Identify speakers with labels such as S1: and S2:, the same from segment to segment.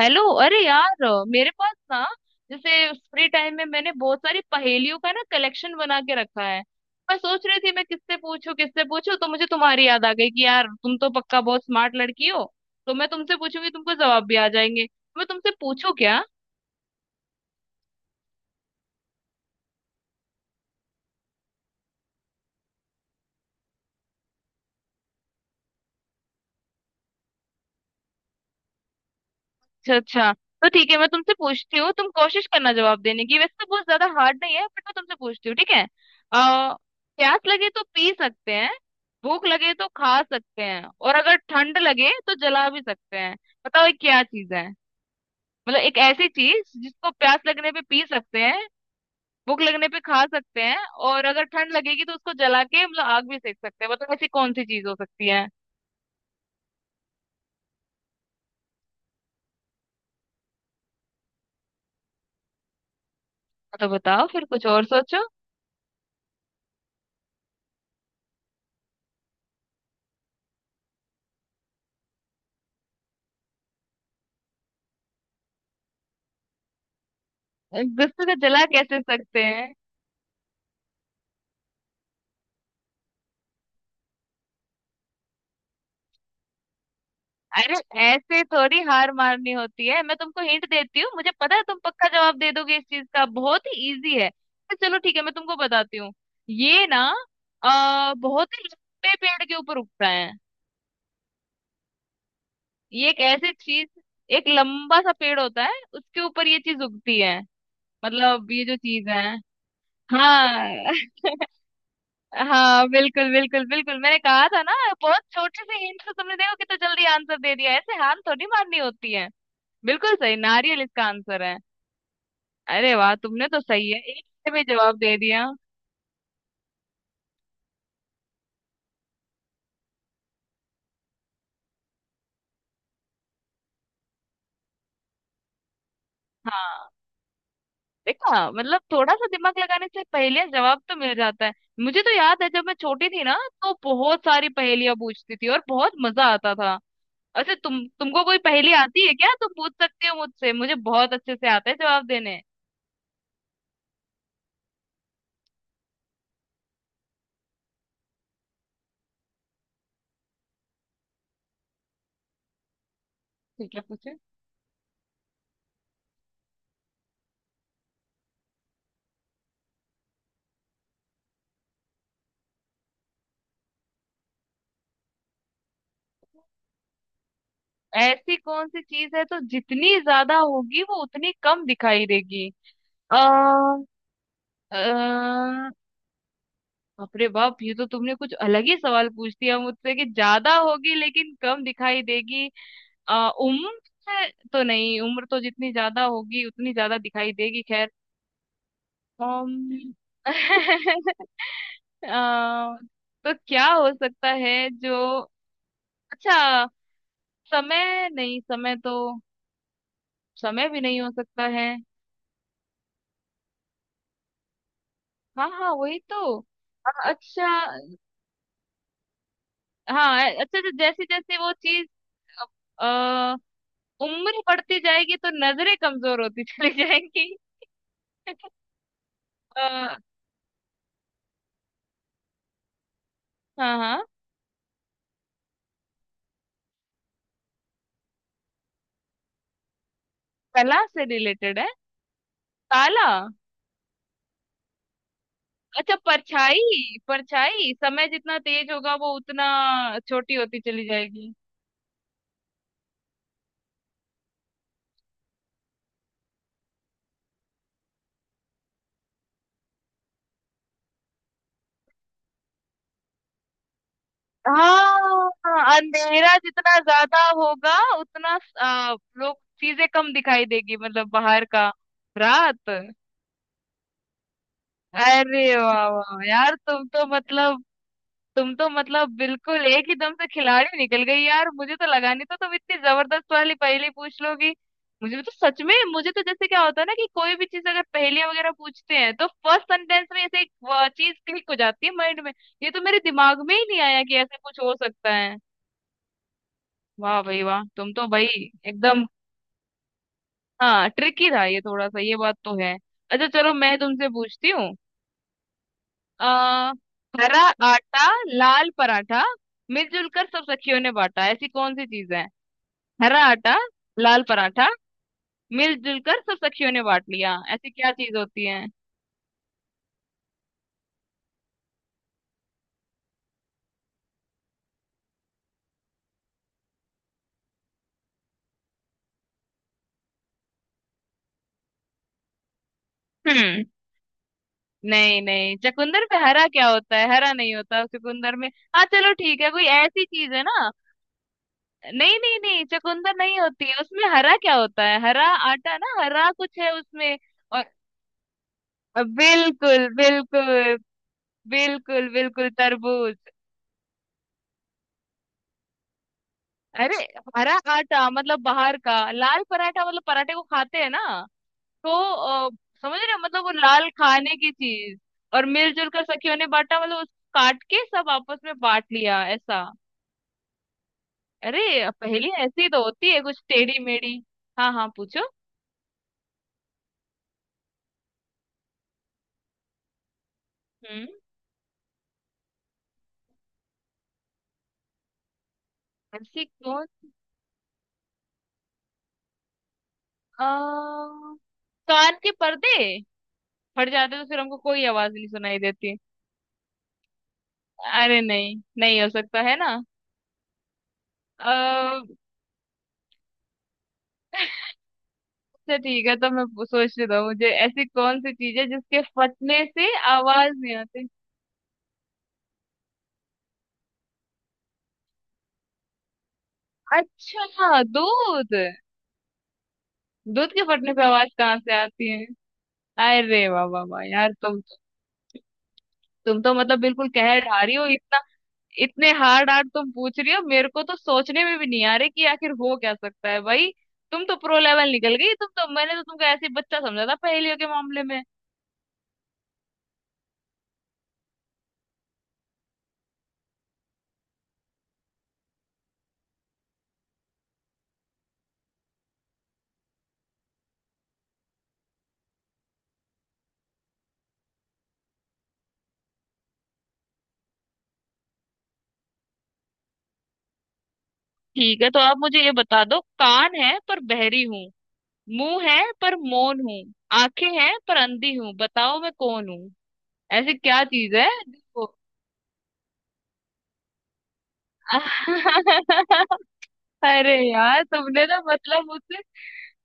S1: Hello. अरे यार, मेरे पास ना, जैसे फ्री टाइम में मैंने बहुत सारी पहेलियों का ना कलेक्शन बना के रखा है। मैं सोच रही थी मैं किससे पूछूं, किससे पूछूं, तो मुझे तुम्हारी याद आ गई कि यार तुम तो पक्का बहुत स्मार्ट लड़की हो। तो मैं तुमसे पूछूंगी, तुमको जवाब भी आ जाएंगे। मैं तुमसे पूछूं क्या? अच्छा अच्छा। तो ठीक है, मैं तुमसे पूछती हूँ, तुम कोशिश करना जवाब देने की। वैसे तो बहुत ज्यादा हार्ड नहीं है बट मैं तुमसे पूछती हूँ। ठीक है। आ, प्यास लगे तो पी सकते हैं, भूख लगे तो खा सकते हैं और अगर ठंड लगे तो जला भी सकते हैं। बताओ ये क्या चीज है? मतलब एक ऐसी चीज जिसको प्यास लगने पे पी सकते हैं, भूख लगने पे खा सकते हैं और अगर ठंड लगेगी तो उसको जला के मतलब आग भी सेक सकते हैं। बताओ ऐसी कौन सी चीज हो सकती है? तो बताओ फिर, कुछ और सोचो। गुस्से से जला कैसे सकते हैं? अरे, ऐसे थोड़ी हार मारनी होती है। मैं तुमको हिंट देती हूँ, मुझे पता है तुम पक्का जवाब दे दोगे इस चीज का। बहुत ही इजी है, तो चलो ठीक है, मैं तुमको बताती हूँ। ये ना, बहुत ही लंबे पेड़ के ऊपर उगता है। ये एक ऐसी चीज, एक लंबा सा पेड़ होता है उसके ऊपर ये चीज उगती है। मतलब ये जो चीज है। हाँ हाँ, बिल्कुल बिल्कुल बिल्कुल, मैंने कहा था ना। बहुत छोटे से हिंट से तुमने देखो कितना जल्दी आंसर दे दिया। ऐसे हार थोड़ी मारनी होती है। बिल्कुल सही, नारियल इसका आंसर है। अरे वाह, तुमने तो सही है, एक से भी जवाब दे दिया। हाँ। देखा, मतलब थोड़ा सा दिमाग लगाने से पहेलियां जवाब तो मिल जाता है। मुझे तो याद है जब मैं छोटी थी ना, तो बहुत सारी पहेलियां पूछती थी और बहुत मजा आता था। अच्छा, तुमको कोई पहेली आती है क्या? तुम पूछ सकते हो मुझसे, मुझे बहुत अच्छे से आता है जवाब देने। ठीक है, पूछे। ऐसी कौन सी चीज है तो जितनी ज्यादा होगी वो उतनी कम दिखाई देगी? आ, अपने बाप, ये तो तुमने कुछ अलग ही सवाल पूछ दिया मुझसे कि ज्यादा होगी लेकिन कम दिखाई देगी। उम्र है तो नहीं, उम्र तो जितनी ज्यादा होगी उतनी ज्यादा दिखाई देगी। खैर। अम्म, आ, तो क्या हो सकता है जो, अच्छा, समय नहीं, समय तो, समय भी नहीं हो सकता है। हाँ हाँ, वही तो। अच्छा हाँ, अच्छा अच्छा, जैसे जैसे वो चीज, उम्र बढ़ती जाएगी तो नजरें कमजोर होती चली जाएंगी। अ, हाँ हाँ, कला से रिलेटेड है। ताला। अच्छा, परछाई, परछाई। समय जितना तेज होगा वो उतना छोटी होती चली जाएगी। हाँ, अंधेरा जितना ज्यादा होगा उतना लोग चीजें कम दिखाई देगी, मतलब बाहर का। रात। अरे वाह वाह यार, तुम तो मतलब, तुम तो मतलब बिल्कुल एक ही दम से खिलाड़ी निकल गई यार। मुझे तो लगा नहीं था तुम इतनी जबरदस्त वाली पहेली पूछ लोगी। मुझे तो सच में, मुझे तो जैसे क्या होता है ना कि कोई भी चीज अगर पहेलियां वगैरह पूछते हैं तो फर्स्ट सेंटेंस में ऐसे एक चीज क्लिक हो जाती है माइंड में। ये तो मेरे दिमाग में ही नहीं आया कि ऐसा कुछ हो सकता है। वाह भाई वाह, तुम तो भाई एकदम। हाँ ट्रिकी था ये, थोड़ा सा, ये बात तो है। अच्छा, चलो मैं तुमसे पूछती हूँ। आ, हरा आटा, लाल पराठा, मिलजुल कर सब सखियों ने बांटा, ऐसी कौन सी चीज है? हरा आटा, लाल पराठा, मिलजुल कर सब सखियों ने बांट लिया, ऐसी क्या चीज होती है? हम्म। नहीं नहीं, चुकंदर पे हरा क्या होता है? हरा नहीं होता चुकंदर में। हाँ चलो ठीक है, कोई ऐसी चीज है ना। नहीं नहीं नहीं, चुकंदर नहीं होती है, उसमें हरा क्या होता है? हरा आटा ना, हरा कुछ है उसमें। और बिल्कुल बिल्कुल। बिल्कुल बिल्कुल तरबूज। अरे, हरा आटा मतलब बाहर का, लाल पराठा मतलब पराठे को खाते हैं ना। तो समझ रहे हो? मतलब वो लाल खाने की चीज। और मिलजुल कर सखियों ने बांटा मतलब उसको काट के सब आपस में बांट लिया, ऐसा। अरे पहेली ऐसी तो होती है, कुछ टेढ़ी मेढ़ी। हाँ हाँ पूछो। हम्म। ऐसी कौन, आ, कान के पर्दे फट जाते तो फिर हमको कोई आवाज नहीं सुनाई देती। अरे नहीं नहीं, हो सकता है ना। अ, अच्छा ठीक है, तो मैं सोचने दो मुझे, ऐसी कौन सी चीज है जिसके फटने से आवाज नहीं आती। अच्छा, दूध। दूध के फटने पे आवाज कहाँ से आती है? अरे वाह वाह वाह यार तुम तो मतलब बिल्कुल कह ढारी हो इतना। इतने हार्ड हार्ड तुम पूछ रही हो, मेरे को तो सोचने में भी नहीं आ रही कि आखिर हो क्या सकता है भाई। तुम तो प्रो लेवल निकल गई, तुम तो। मैंने तो तुमको ऐसे ही बच्चा समझा था पहेलियों के मामले में। ठीक है, तो आप मुझे ये बता दो, कान है पर बहरी हूँ, मुंह है पर मौन हूँ, आंखें हैं पर अंधी हूँ, बताओ मैं कौन हूँ? ऐसी क्या चीज है देखो। अरे यार, तुमने तो मतलब मुझसे।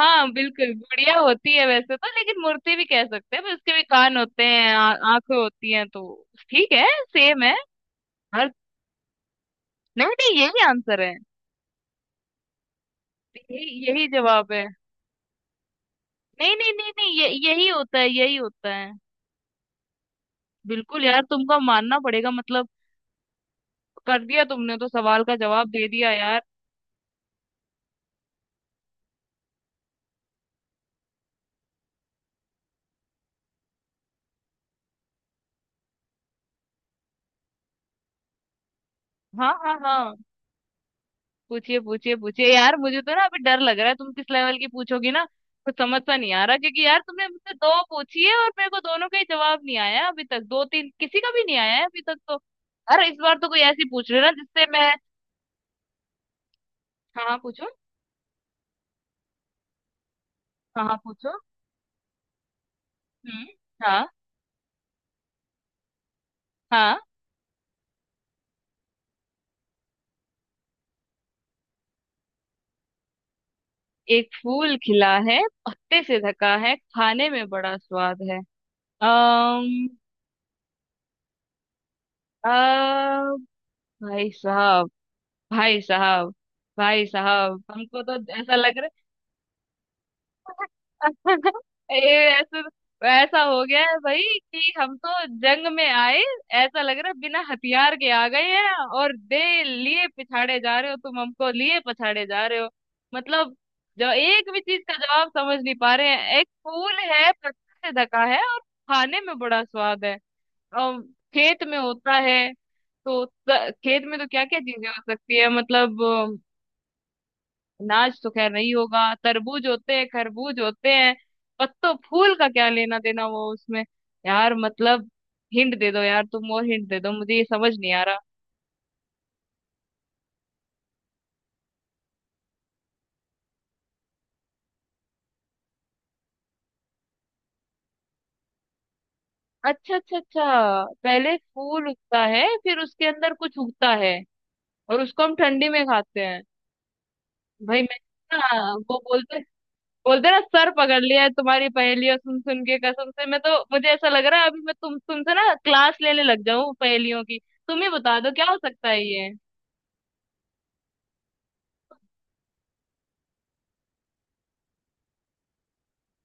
S1: हाँ बिल्कुल, गुड़िया होती है वैसे तो, लेकिन मूर्ति भी कह सकते हैं, पर उसके भी कान होते हैं, आंखें होती हैं तो। ठीक है, सेम है। हर, नहीं नहीं, यही आंसर है, यही यही जवाब है। नहीं नहीं नहीं नहीं, ये यही होता है, यही होता है। बिल्कुल यार, तुमको मानना पड़ेगा मतलब। कर दिया तुमने तो, सवाल का जवाब दे दिया यार। हाँ हाँ हाँ, पूछिए पूछिए पूछिए। यार मुझे तो ना अभी डर लग रहा है, तुम किस लेवल की पूछोगी ना। कुछ समझ सा नहीं आ रहा क्योंकि यार तुमने मुझसे दो पूछी है और मेरे को दोनों का ही जवाब नहीं आया है अभी तक, दो तीन किसी का भी नहीं आया है अभी तक तो। यार इस बार तो कोई ऐसी पूछ रहे ना जिससे मैं, हाँ हाँ पूछो, हाँ हाँ पूछो। हम्म। हाँ हाँ। एक फूल खिला है, पत्ते से ढका है, खाने में बड़ा स्वाद है। अम्म अ, भाई साहब, भाई साहब, भाई साहब, हमको तो ऐसा लग रहा है, ये ऐसे, ऐसा हो गया है भाई कि हम तो जंग में आए, ऐसा लग रहा है बिना हथियार के आ गए हैं और दे लिए पिछाड़े जा रहे हो, तुम हमको लिए पछाड़े जा रहे हो। मतलब जो एक भी चीज का जवाब समझ नहीं पा रहे हैं। एक फूल है, पत्ते से ढका है और खाने में बड़ा स्वाद है और खेत में होता है। तो खेत में तो क्या क्या चीजें हो सकती है मतलब? अनाज तो खैर नहीं होगा, तरबूज होते हैं, खरबूज होते हैं, पत्तों फूल का क्या लेना देना वो उसमें। यार मतलब हिंट दे दो यार, तुम और हिंट दे दो, मुझे ये समझ नहीं आ रहा। अच्छा अच्छा अच्छा। पहले फूल उगता है, फिर उसके अंदर कुछ उगता है और उसको हम ठंडी में खाते हैं। भाई मैं ना, वो बोलते, बोलते ना सर पकड़ लिया है तुम्हारी पहेलियां सुन सुन के, कसम से। मैं तो, मुझे ऐसा लग रहा है अभी मैं तुमसे ना क्लास लेने लग जाऊं पहेलियों की। तुम ही बता दो क्या हो सकता है ये।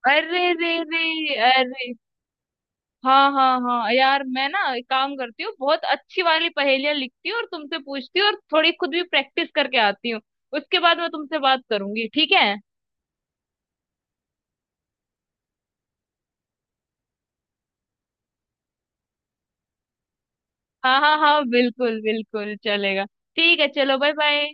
S1: अरे रे रे अरे। हाँ हाँ हाँ यार, मैं ना एक काम करती हूँ, बहुत अच्छी वाली पहेलियां लिखती हूँ और तुमसे पूछती हूँ और थोड़ी खुद भी प्रैक्टिस करके आती हूँ। उसके बाद मैं तुमसे बात करूंगी, ठीक है। हाँ हाँ हाँ, बिल्कुल बिल्कुल चलेगा। ठीक है, चलो बाय बाय।